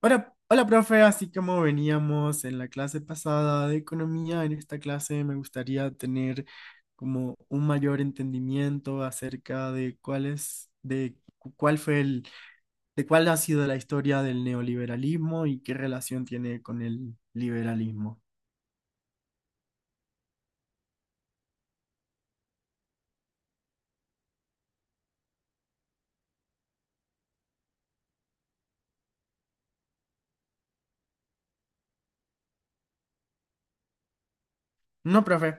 Hola, hola, profe. Así como veníamos en la clase pasada de economía, en esta clase me gustaría tener como un mayor entendimiento acerca de cuál es, cuál fue el, de cuál ha sido la historia del neoliberalismo y qué relación tiene con el liberalismo. No, profe.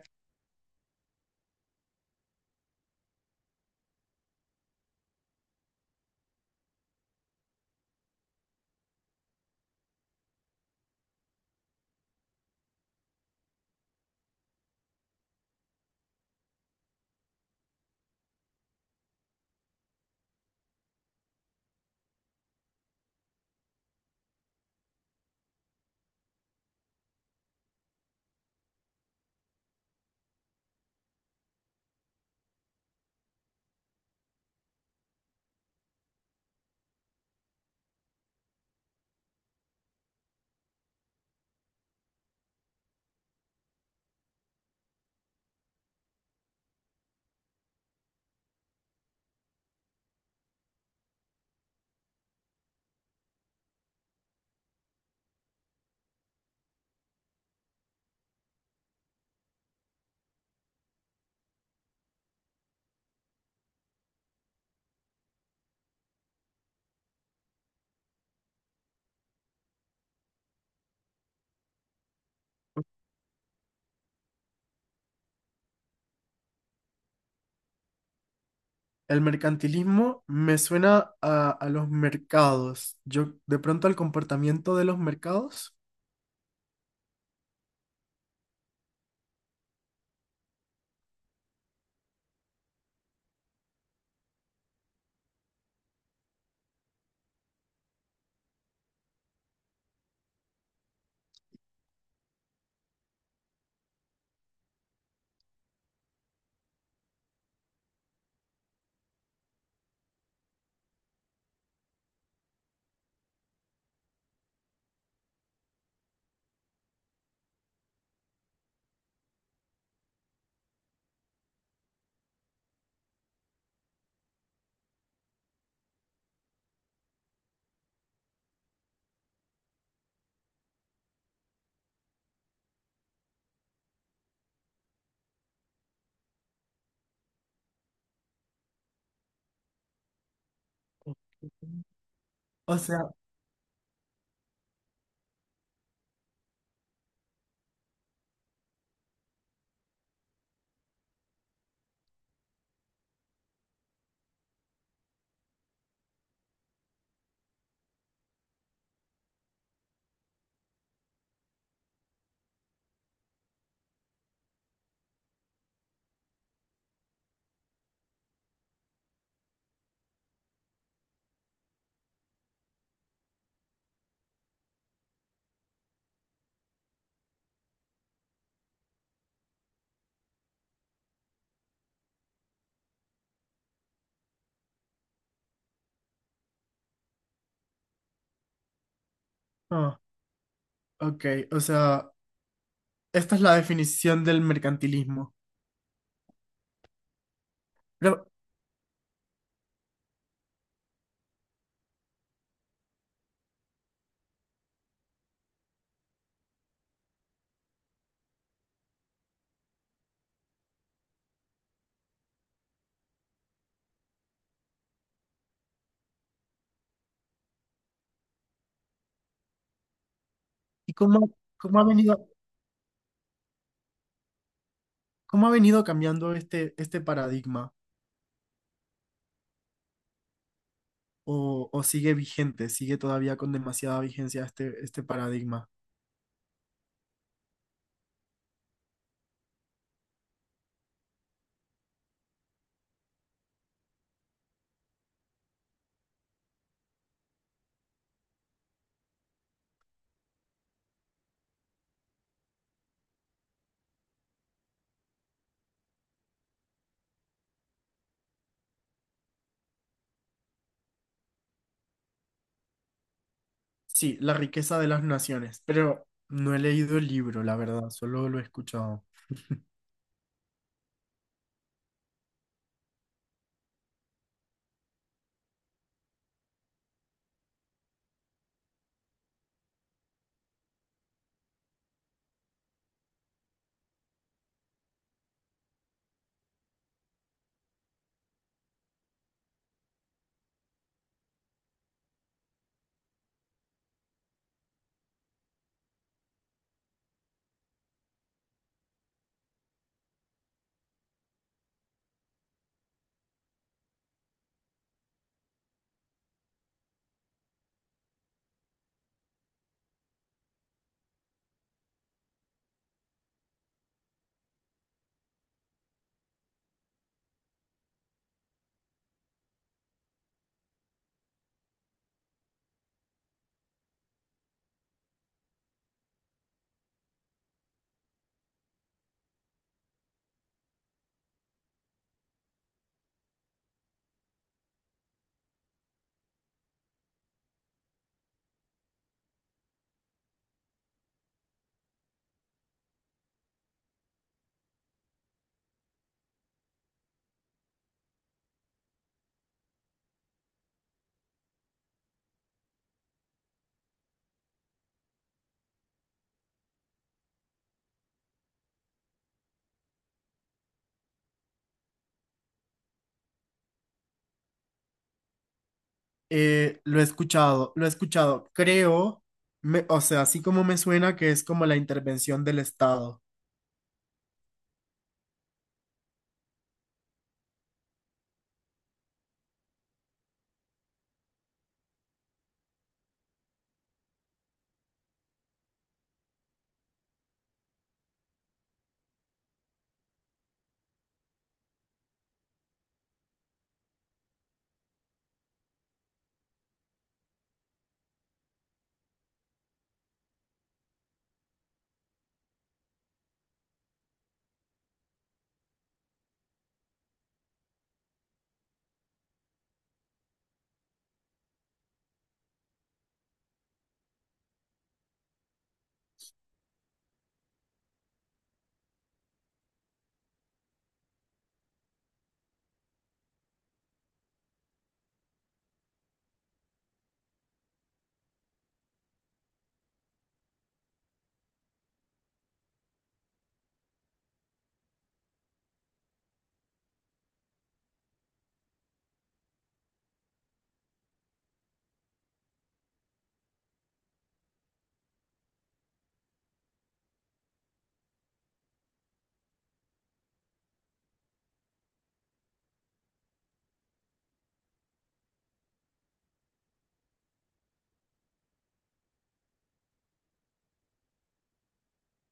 El mercantilismo me suena a los mercados. Yo, de pronto, al comportamiento de los mercados. O sea, ah, ok, o sea, esta es la definición del mercantilismo. Pero, ¿y cómo, cómo ha venido, cómo ha venido cambiando este, este paradigma? ¿O, ¿o sigue vigente, sigue todavía con demasiada vigencia este, este paradigma? Sí, la riqueza de las naciones, pero no he leído el libro, la verdad, solo lo he escuchado. Lo he escuchado, lo he escuchado. Creo, o sea, así como me suena que es como la intervención del Estado.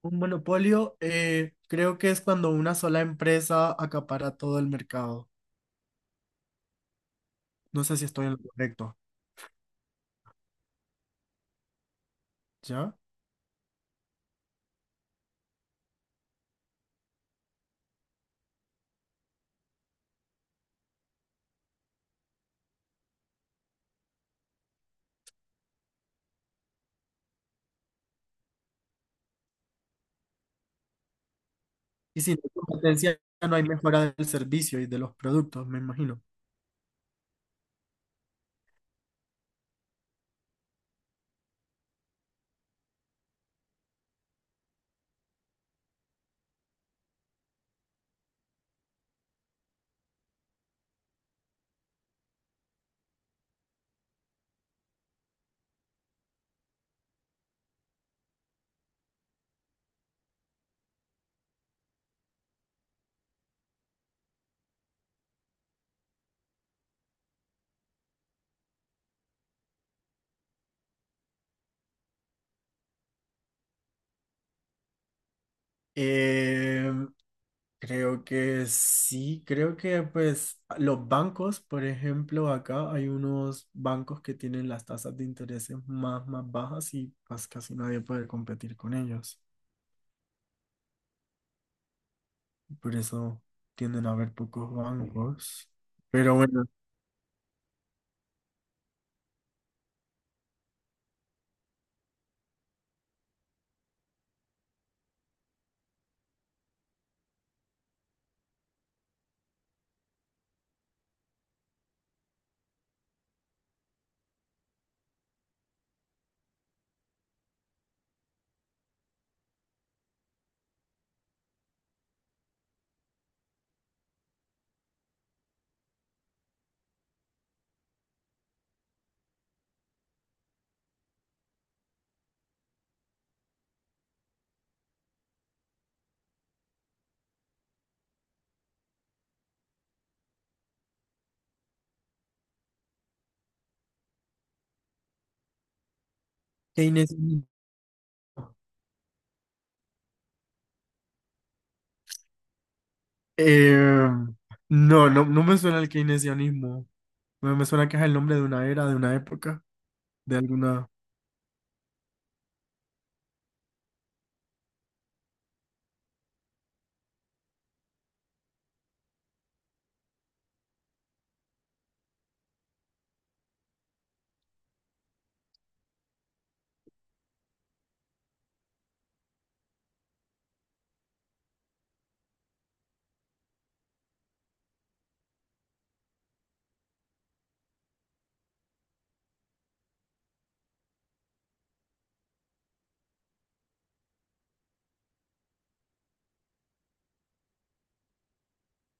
Un monopolio, creo que es cuando una sola empresa acapara todo el mercado. No sé si estoy en lo correcto, ¿ya? Y si no hay competencia, no hay mejora del servicio y de los productos, me imagino. Eh, creo que sí, creo que pues los bancos, por ejemplo, acá hay unos bancos que tienen las tasas de intereses más, más bajas y pues casi nadie puede competir con ellos. Por eso tienden a haber pocos bancos. Pero bueno, keynesi- eh, no, no, no me suena el keynesianismo. Me suena que es el nombre de una era, de una época, de alguna...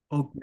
Ok,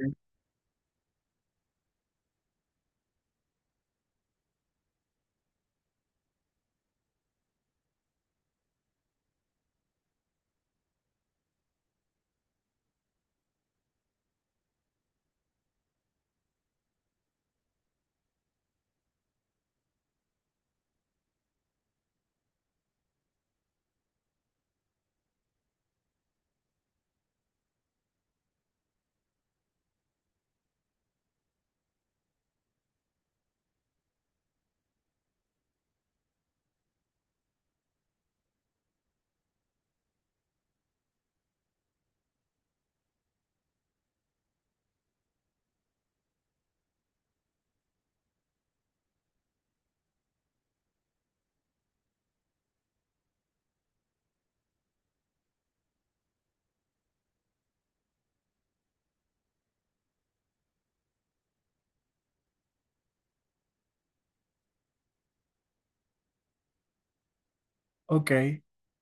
ok.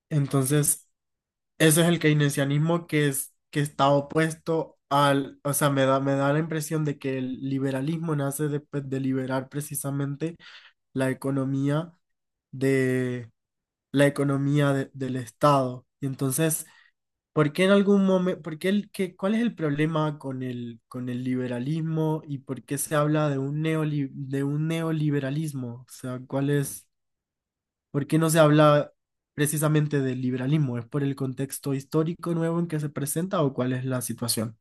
Entonces, ese es el keynesianismo que es, que está opuesto al, o sea, me da la impresión de que el liberalismo nace de, pues, de liberar precisamente la economía de la economía del Estado. Y entonces, ¿por qué en algún momento, por qué el, cuál es el problema con el liberalismo y por qué se habla de de un neoliberalismo? O sea, ¿cuál es, por qué no se habla precisamente del liberalismo? ¿Es por el contexto histórico nuevo en que se presenta o cuál es la situación?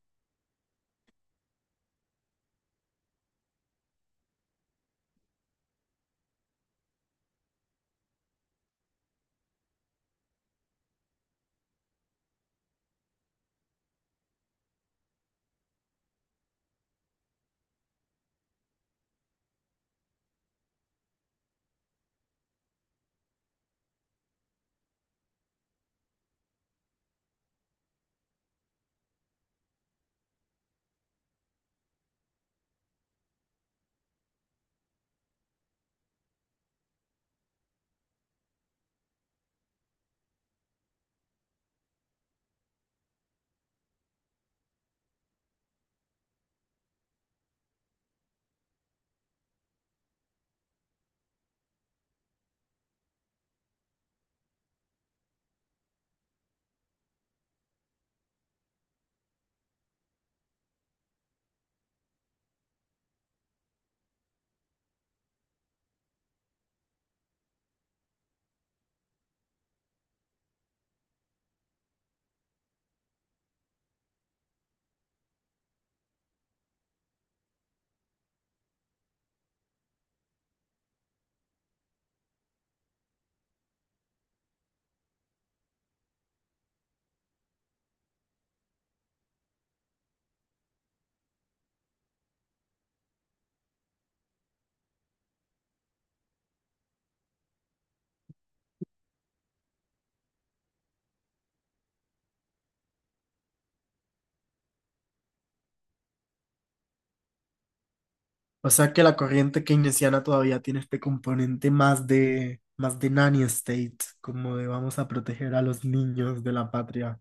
O sea, que la corriente keynesiana todavía tiene este componente más de nanny state, como de vamos a proteger a los niños de la patria.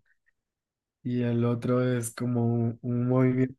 Y el otro es como un movimiento.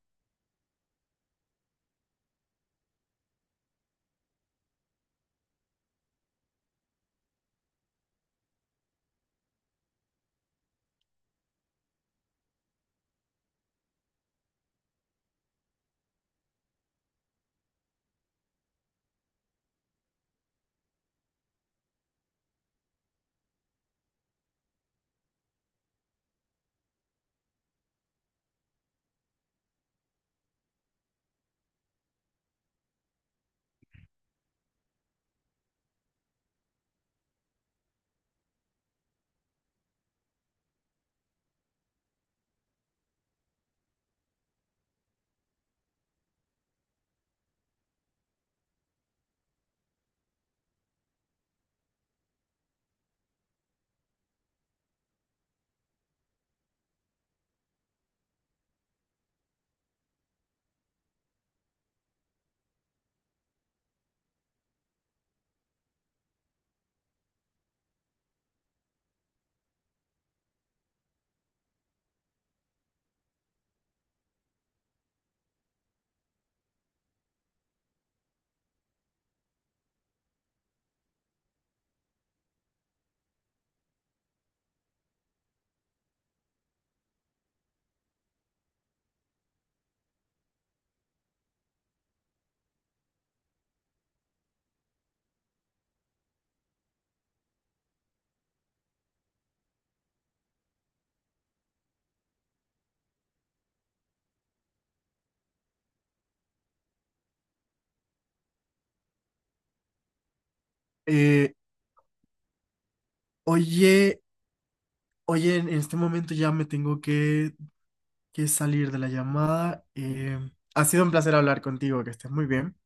Eh, oye, Oye, en este momento ya me tengo que salir de la llamada. Ha sido un placer hablar contigo, que estés muy bien.